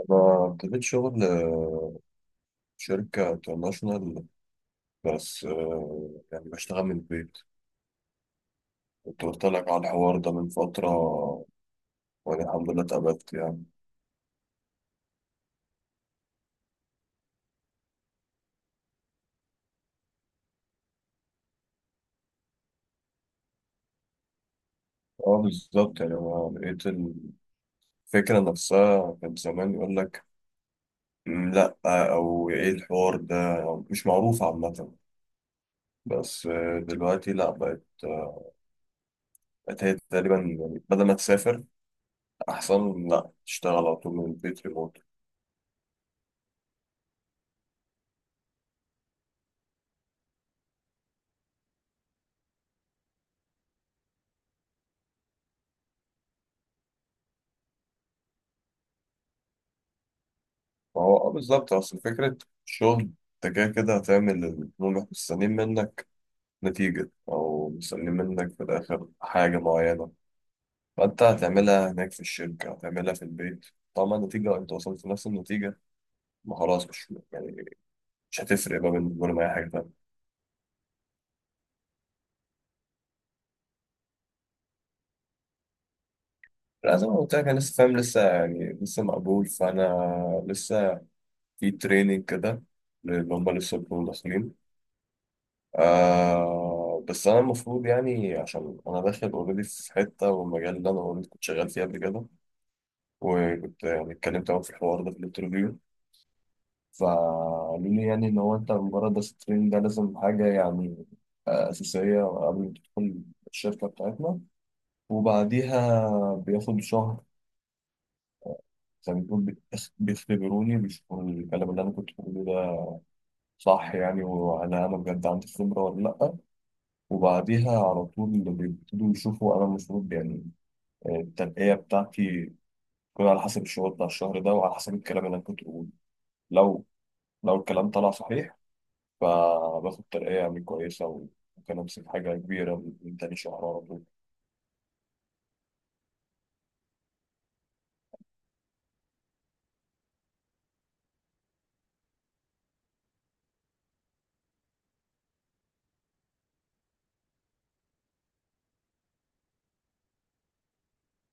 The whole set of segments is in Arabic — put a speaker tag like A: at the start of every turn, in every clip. A: أنا ابتديت شغل شركة انترناشونال. بس يعني بشتغل من البيت. كنت قلت لك على الحوار ده من فترة، وأنا الحمد لله اتقبلت يعني. اه، بالظبط يعني أنا لقيت الفكرة نفسها. كان زمان يقول لك: "مم، لأ، أو إيه الحوار ده، مش معروف عامة." بس دلوقتي لأ، بقت بقت هي تقريبا يعني، بدل ما تسافر أحسن لأ تشتغل على طول من البيت ريموت. ما هو اه، بالظبط. اصل فكرة الشغل، انت كده كده هتعمل اللي هم مستنيين منك نتيجة، او مستنيين منك في الاخر حاجة معينة. فانت هتعملها هناك في الشركة، هتعملها في البيت. طبعا النتيجة، انت وصلت لنفس النتيجة. ما خلاص، مش يعني، مش هتفرق بقى بالنسبة لهم اي حاجة تانية. لا، زي ما قلت لك، انا لسه فاهم، لسه يعني لسه مقبول، فانا لسه في تريننج كده اللي هم لسه بيكونوا داخلين. آه، بس انا المفروض يعني عشان انا داخل اوريدي في حته، والمجال اللي انا اوريدي كنت شغال فيه قبل كده، وكنت يعني اتكلمت معاهم في الحوار ده في الانترفيو، فقالوا لي يعني ان هو انت مجرد بس التريننج ده لازم حاجه يعني اساسيه قبل ما تدخل الشركه بتاعتنا. وبعديها بياخد شهر، زي ما بيكون بيختبروني، بيشوفوا الكلام اللي انا كنت بقوله ده صح يعني، وهل انا بجد عندي خبره ولا لا. وبعديها على طول بيبتدوا يشوفوا انا المفروض يعني التنقية بتاعتي تكون على حسب الشغل بتاع الشهر ده وعلى حسب الكلام اللي أنا كنت بقوله. لو لو الكلام طلع صحيح، فباخد ترقية يعني كويسة، وممكن أمسك حاجة كبيرة من تاني شهر على طول.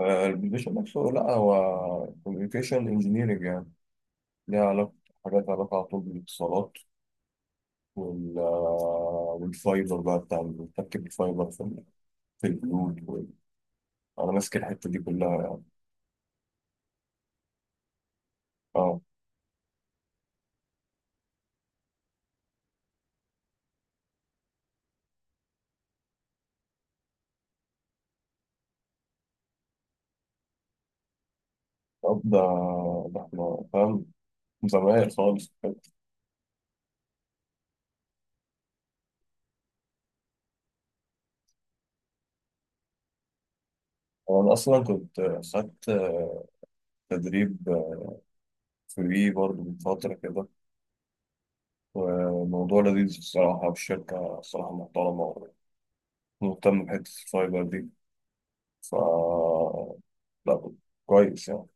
A: البوزيشن نفسه، لا هو كوميونيكيشن انجينيرنج يعني، ليها علاقة، حاجات لها علاقة على طول بالاتصالات. والفايبر بقى بتاع مركب الفايبر في البيوت أنا ماسك الحتة دي كلها يعني. اه، طب ده احنا فاهم، زمايل خالص. هو أنا أصلا كنت خدت تدريب فري برضه من فترة كده، وموضوع لذيذ الصراحة، والشركة الصراحة محترمة ومهتمة بحتة الفايبر دي. ف لا، كويس يعني.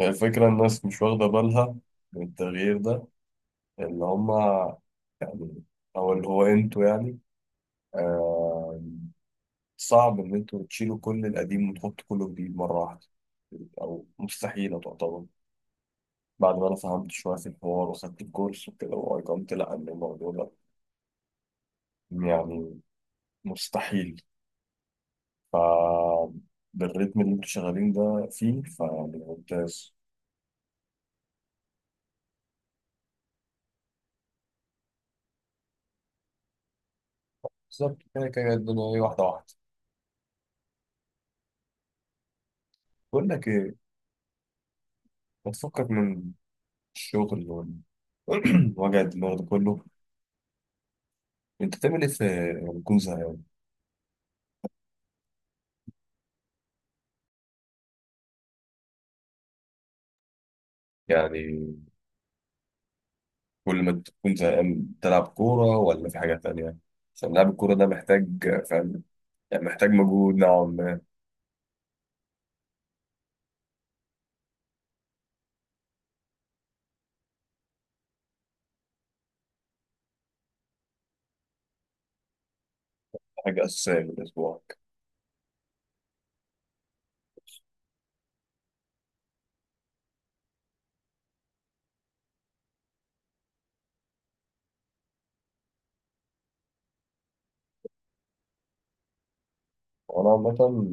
A: هي الفكرة، الناس مش واخدة بالها من التغيير ده اللي هما يعني، أو اللي هو أنتوا يعني، آه، صعب إن أنتوا تشيلوا كل القديم وتحطوا كله جديد مرة واحدة، أو مستحيلة تعتبر. بعد ما انا فهمت شويه في الحوار وخدت الكورس وكده، وايقنت لا ان الموضوع ده يعني مستحيل. ف بالريتم اللي انتوا شغالين ده فيه، فيعني ممتاز. بالظبط، كده كده الدنيا ايه، واحده واحده. بقول لك ايه، ما تفكك من الشغل وجع الدماغ ده كله، انت تعمل ايه في لما تكون زهقان؟ يعني كل ما تكون زهقان تلعب كوره ولا في حاجه تانية؟ عشان لعب الكوره ده محتاج، فاهم؟ يعني محتاج مجهود نوعا ما، حاجه اساسيه في الاسبوع. وأنا عامة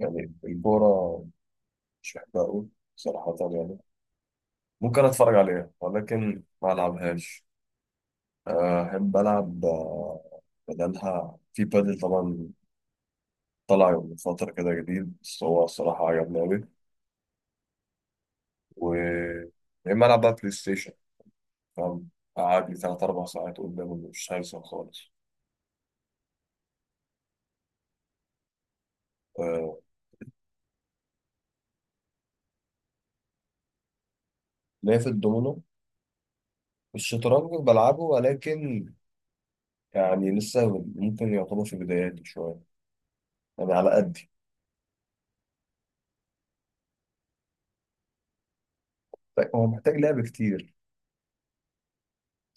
A: يعني الكورة مش بحبها أوي صراحة يعني، ممكن أتفرج عليها ولكن ما ألعبهاش. أحب ألعب بدلها في بادل طبعا، طلع من فترة كده جديد بس هو الصراحة عجبني أوي. و يا إما ألعب بقى بلاي ستيشن، فاهم؟ قعد لي تلات أربع ساعات قدامه مش هيحصل خالص. آه، ليا في الدومينو. الشطرنج بلعبه ولكن يعني لسه، ممكن يعتبر في بداياتي شوية يعني، على قد. طيب هو محتاج لعب كتير،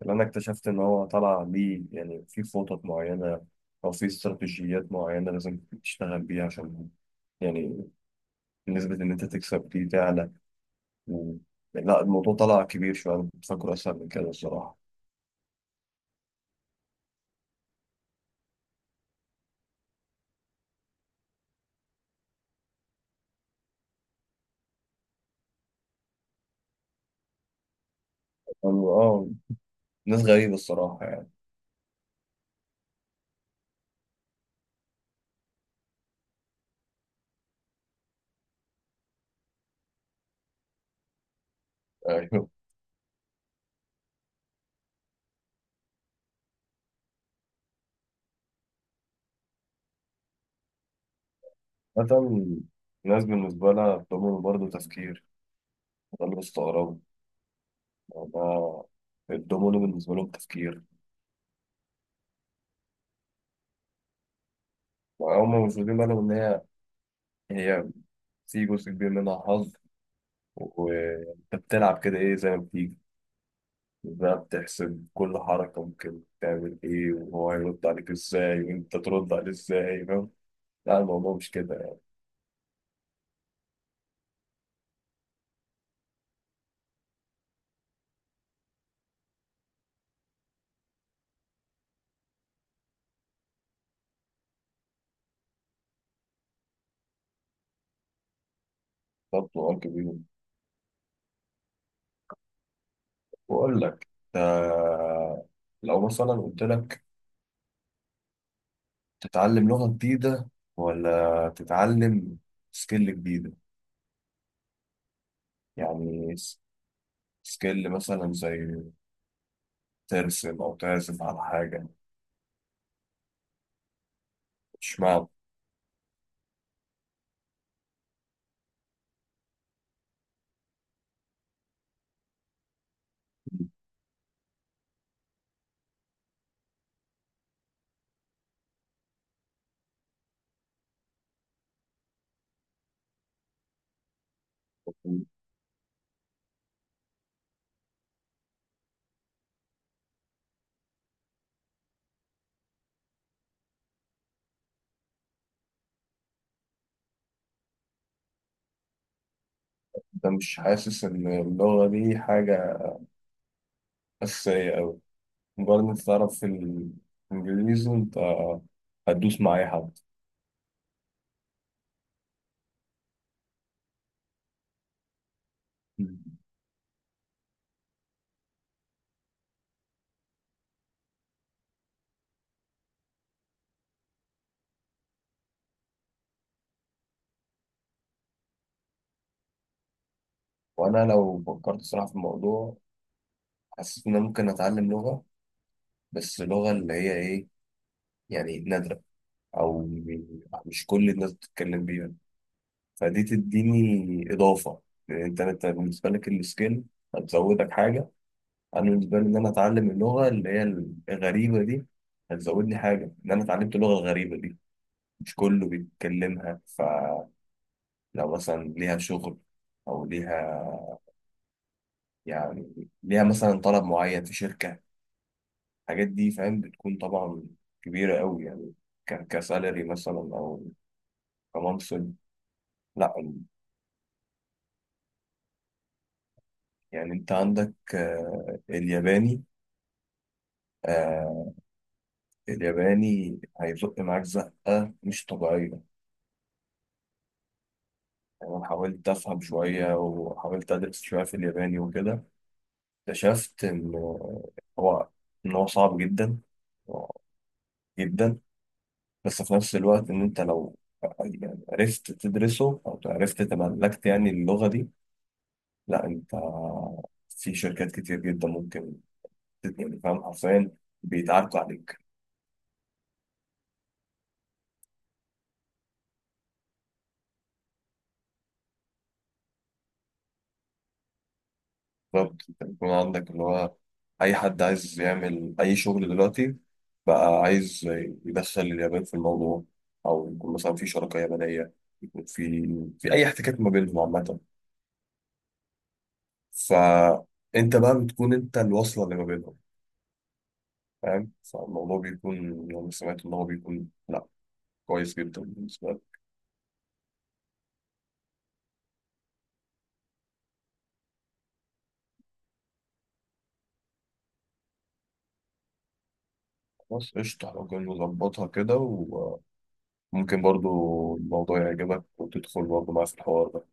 A: لأن أنا اكتشفت إن هو طلع ليه يعني في خطط معينة أو في استراتيجيات معينة لازم تشتغل بيها عشان يعني، نسبة إن أنت تكسب دي تعلى. و... لا الموضوع طلع كبير شوية، أنا كنت فاكره أسهل من كده الصراحة. أنا- آه ناس غريبة الصراحة يعني. أيوه، مثلا ناس بالنسبة لها الدومينو برضه تفكير. ده اللي بستغربه. ده الدومينو بالنسبة لهم تفكير. وهم مش واخدين بالهم إن هي هي في جزء كبير منها حظ، وانت بتلعب كده، ايه زي ما بتيجي. بقى بتحسب كل حركة ممكن تعمل ايه، وهو هيرد عليك ازاي، وانت ترد عليه ازاي، فاهم؟ لا، الموضوع مش كده يعني، برضه كبير. بقول لك، ده لو مثلا قلت لك تتعلم لغة جديدة ولا تتعلم سكيل جديدة، يعني سكيل مثلا زي ترسم أو تعزف على حاجة. مش معنى ده، مش حاسس إن اللغة دي حاجة أساسية أوي؟ مجرد إن أنت تعرف في الإنجليزي، أنت هتدوس مع أي حد. مم. وأنا لو فكرت صراحة في الموضوع، حسيت إن أنا ممكن أتعلم لغة، بس لغة اللي هي إيه، يعني نادرة أو مش كل الناس بتتكلم بيها، فدي تديني إضافة. لأن أنت بالنسبة لك السكيل هتزودك حاجة. أنا بالنسبة لي، إن أنا أتعلم اللغة اللي هي الغريبة دي هتزودني حاجة، إن أنا اتعلمت لغة غريبة دي مش كله بيتكلمها. لو مثلا ليها شغل، او ليها يعني ليها مثلا طلب معين في شركة، الحاجات دي فاهم بتكون طبعا كبيرة قوي يعني، كسالري مثلا، او كمنصب. لا يعني، انت عندك الياباني. آه، الياباني هيزق معاك زقة مش طبيعية. يعني أنا حاولت أفهم شوية وحاولت أدرس شوية في الياباني وكده، اكتشفت هو إن هو صعب جدا جدا. بس في نفس الوقت إن أنت لو يعني عرفت تدرسه أو عرفت تملكت يعني اللغة دي، لا أنت في شركات كتير جدا ممكن يعني فاهم حرفيا بيتعاركوا عليك. بالظبط، أنت بيكون عندك اللي هو أي حد عايز يعمل أي شغل دلوقتي بقى عايز يدخل اليابان في الموضوع، أو يكون مثلا في شراكة يابانية، يكون في في أي احتكاك ما بينهم عامة. فأنت بقى بتكون أنت الوصلة اللي ما بينهم، فاهم؟ فالموضوع بيكون يعني سمعت إن هو بيكون لأ، كويس جدا بالنسبة لك. خلاص، قشطة لو كان نظبطها كده، وممكن برضو الموضوع يعجبك وتدخل برضو معاه في الحوار ده.